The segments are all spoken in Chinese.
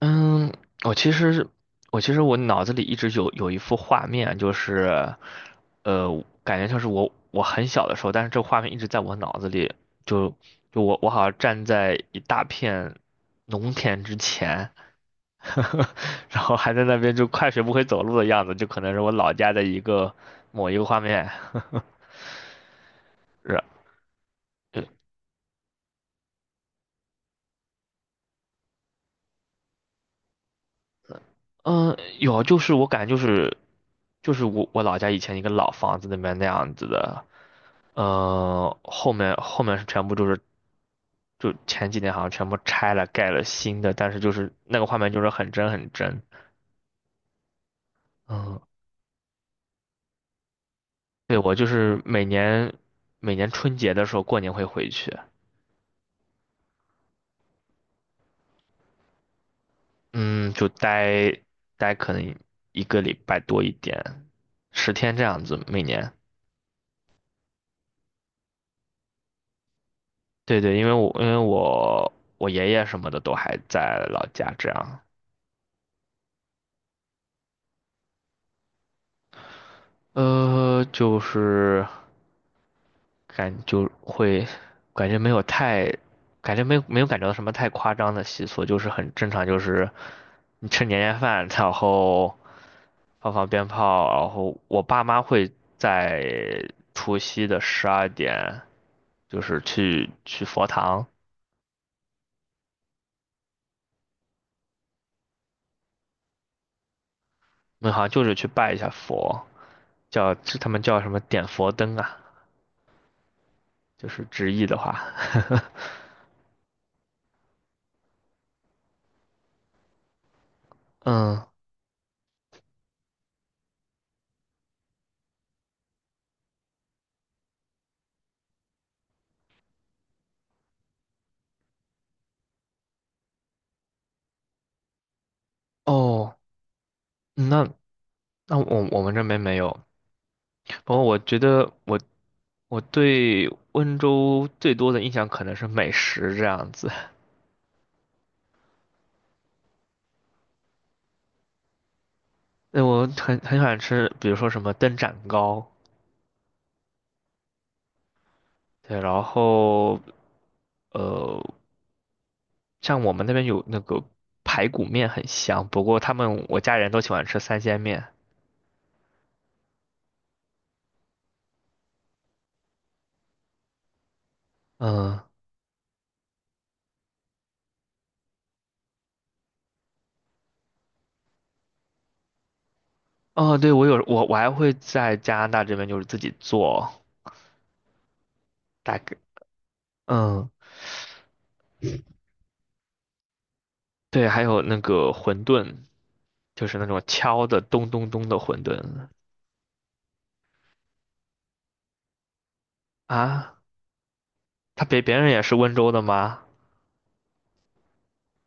嗯，我其实我其实我脑子里一直有一幅画面，就是，感觉像是我很小的时候，但是这画面一直在我脑子里，就就我我好像站在一大片农田之前，然后还在那边就快学不会走路的样子，就可能是我老家的一个某一个画面，是。呃嗯，有，就是我感觉就是我老家以前一个老房子里面那样子的，嗯，后面是全部就是就前几年好像全部拆了盖了新的，但是就是那个画面就是很真很真。嗯，对，我就是每年春节的时候过年会回去，嗯，就待可能一个礼拜多一点，10天这样子每年。对对，因为我我爷爷什么的都还在老家，这样，就是感就会感觉没有太，感觉没有感觉到什么太夸张的习俗，就是很正常，就是你吃年夜饭，然后放鞭炮，然后我爸妈会在除夕的12点，就是去佛堂，那好像就是去拜一下佛，叫他们叫什么点佛灯啊。就是直译的话，嗯，哦，那那我我们这边没有。不过我觉得我对温州最多的印象可能是美食这样子。那我很喜欢吃，比如说什么灯盏糕，对，然后呃，像我们那边有那个排骨面很香，不过他们我家人都喜欢吃三鲜面。嗯，哦，对，我有我我还会在加拿大这边就是自己做，大概嗯。对，还有那个馄饨，就是那种敲的咚咚咚的馄饨啊。他别人也是温州的吗？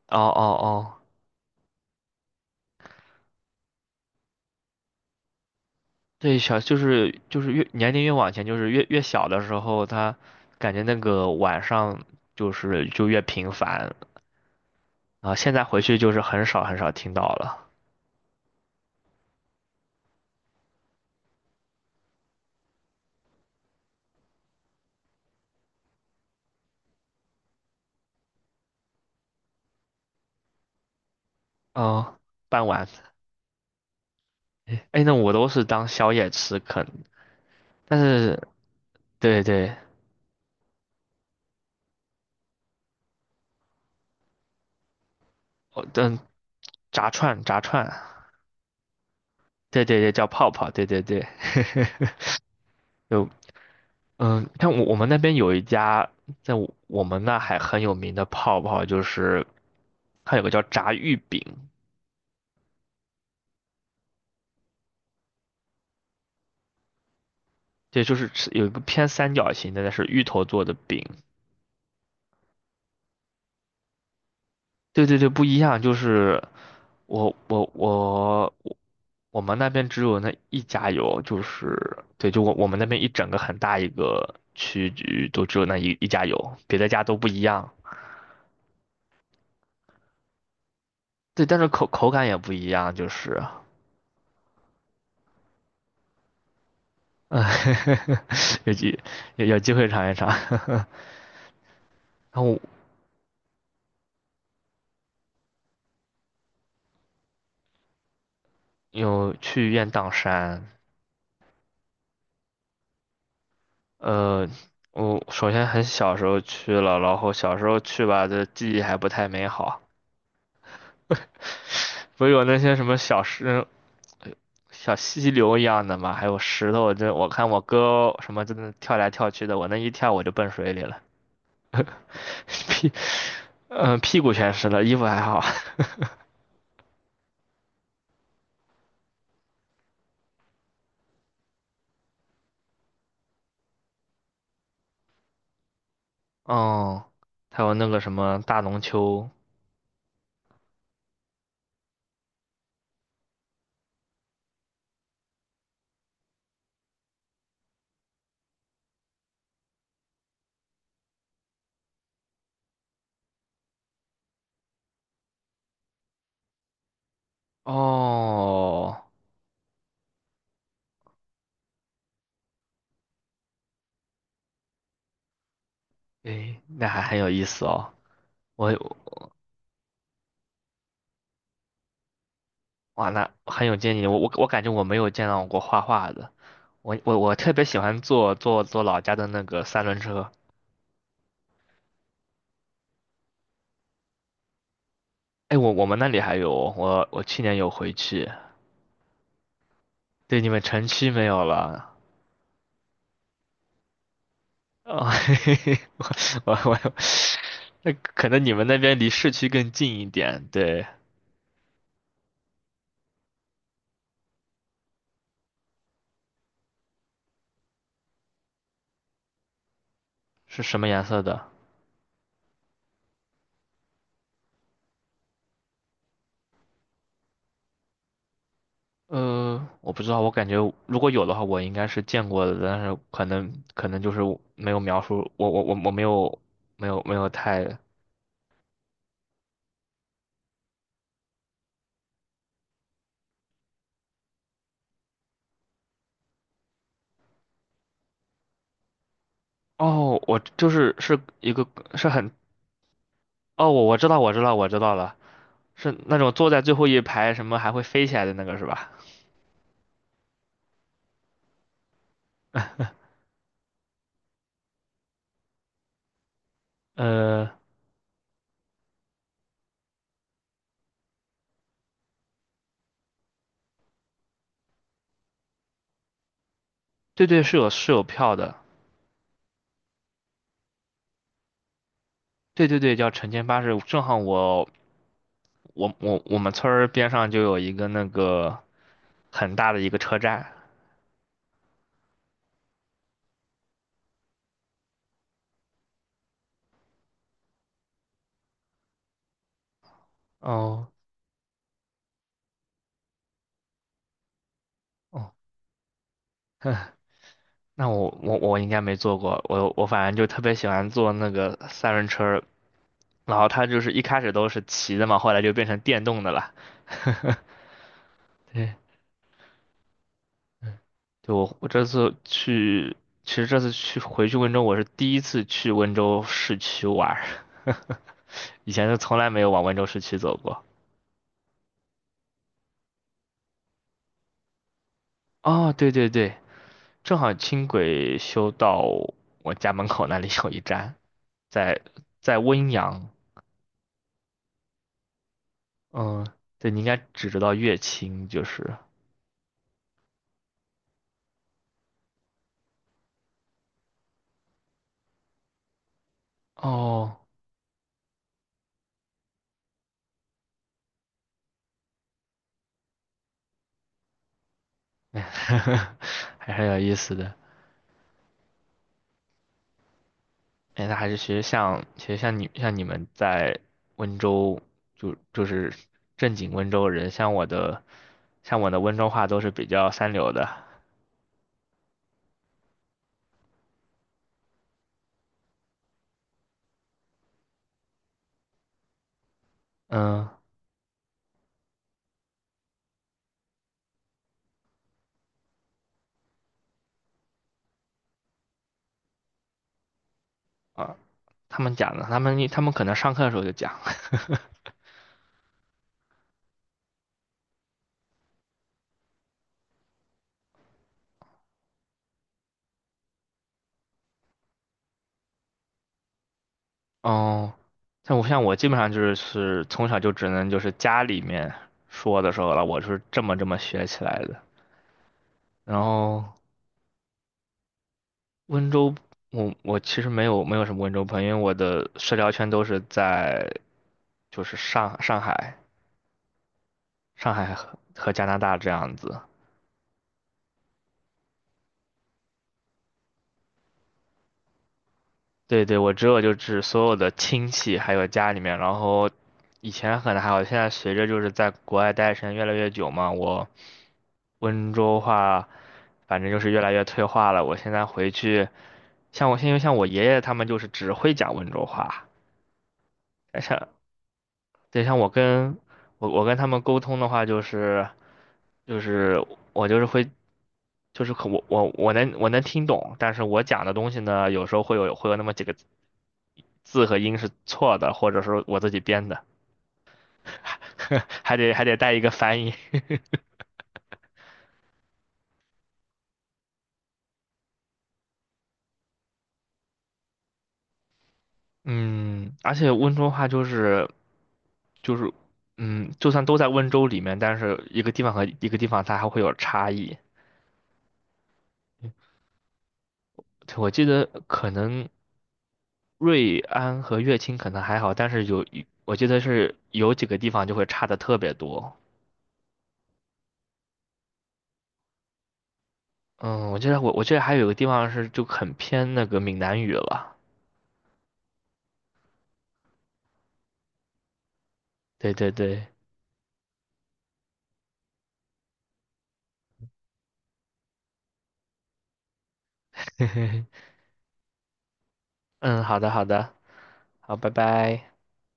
哦哦哦，对，小就是就是越年龄越往前，就是越小的时候，他感觉那个晚上就是就越频繁啊。现在回去就是很少很少听到了。哦，傍晚，哎，那我都是当宵夜吃啃，但是对对，哦，嗯，炸串炸串。对对对，叫泡泡，对对对，就嗯，像我们那边有一家在我们那还很有名的泡泡，就是它有个叫炸芋饼，对，就是吃有一个偏三角形的，那是芋头做的饼，对对对，不一样，就是我我们那边只有那一家有，就是对，就我们那边一整个很大一个区域都只有那一家有，别的家都不一样，对，但是口感也不一样，就是。啊，有机有机会尝一尝。然后有去雁荡山，呃，我首先很小时候去了，然后小时候去吧，这记忆还不太美好，不是有那些什么小石、小溪流一样的嘛，还有石头，这我看我哥什么真的跳来跳去的，我那一跳我就奔水里了，屁，嗯、屁股全湿了，衣服还好，哦，还有那个什么大龙湫。哦。诶，那还很有意思哦。我哇，那很有见议。我感觉我没有见到过画画的。我特别喜欢坐老家的那个三轮车。哎，我我们那里还有哦，我去年有回去。对，你们城区没有了。哦，嘿嘿嘿，我我我，那可能你们那边离市区更近一点。对，是什么颜色的？我不知道，我感觉如果有的话，我应该是见过的，但是可能就是没有描述，我没有没有没有太哦，我就是是一个是很哦，我知道我知道了，是那种坐在最后一排什么还会飞起来的那个是吧？呃，对对，是有票的，对对对，叫晨间巴士，正好我我们村儿边上就有一个那个很大的一个车站，哦哦。那我应该没坐过，我反正就特别喜欢坐那个三轮车儿然后它就是一开始都是骑的嘛，后来就变成电动的了。对，嗯就我这次去，其实这次去回去温州，我是第一次去温州市区玩儿以前是从来没有往温州市区走过。哦，对对对，正好轻轨修到我家门口那里有一站，在在温阳，嗯，对，你应该只知道乐清就是。哦，还是有意思的。哎，那还是其实像你像你们在温州，就是正经温州人，像我的温州话都是比较三流的。嗯啊，他们讲的，他们可能上课的时候就讲。哦，像我基本上就是从小就只能就是家里面说的时候了，我是这么学起来的。然后温州，我其实没有什么温州朋友，因为我的社交圈都是在就是上海、上海和加拿大这样子。对对，我只有就是所有的亲戚还有家里面，然后以前可能还好，现在随着就是在国外待的时间越来越久嘛，我温州话反正就是越来越退化了。我现在回去，像我爷爷他们就是只会讲温州话，像对像我跟他们沟通的话就是。就是我就是会，就是可我能听懂，但是我讲的东西呢，有时候会有那么几个字和音是错的，或者说我自己编的，还得带一个翻译。嗯，而且温州话就是，嗯，就算都在温州里面，但是一个地方和一个地方它还会有差异。我记得可能瑞安和乐清可能还好，但是有一我记得是有几个地方就会差的特别多。嗯，我记得还有个地方是就很偏那个闽南语了。对对对，嗯，好的好的，好，拜拜。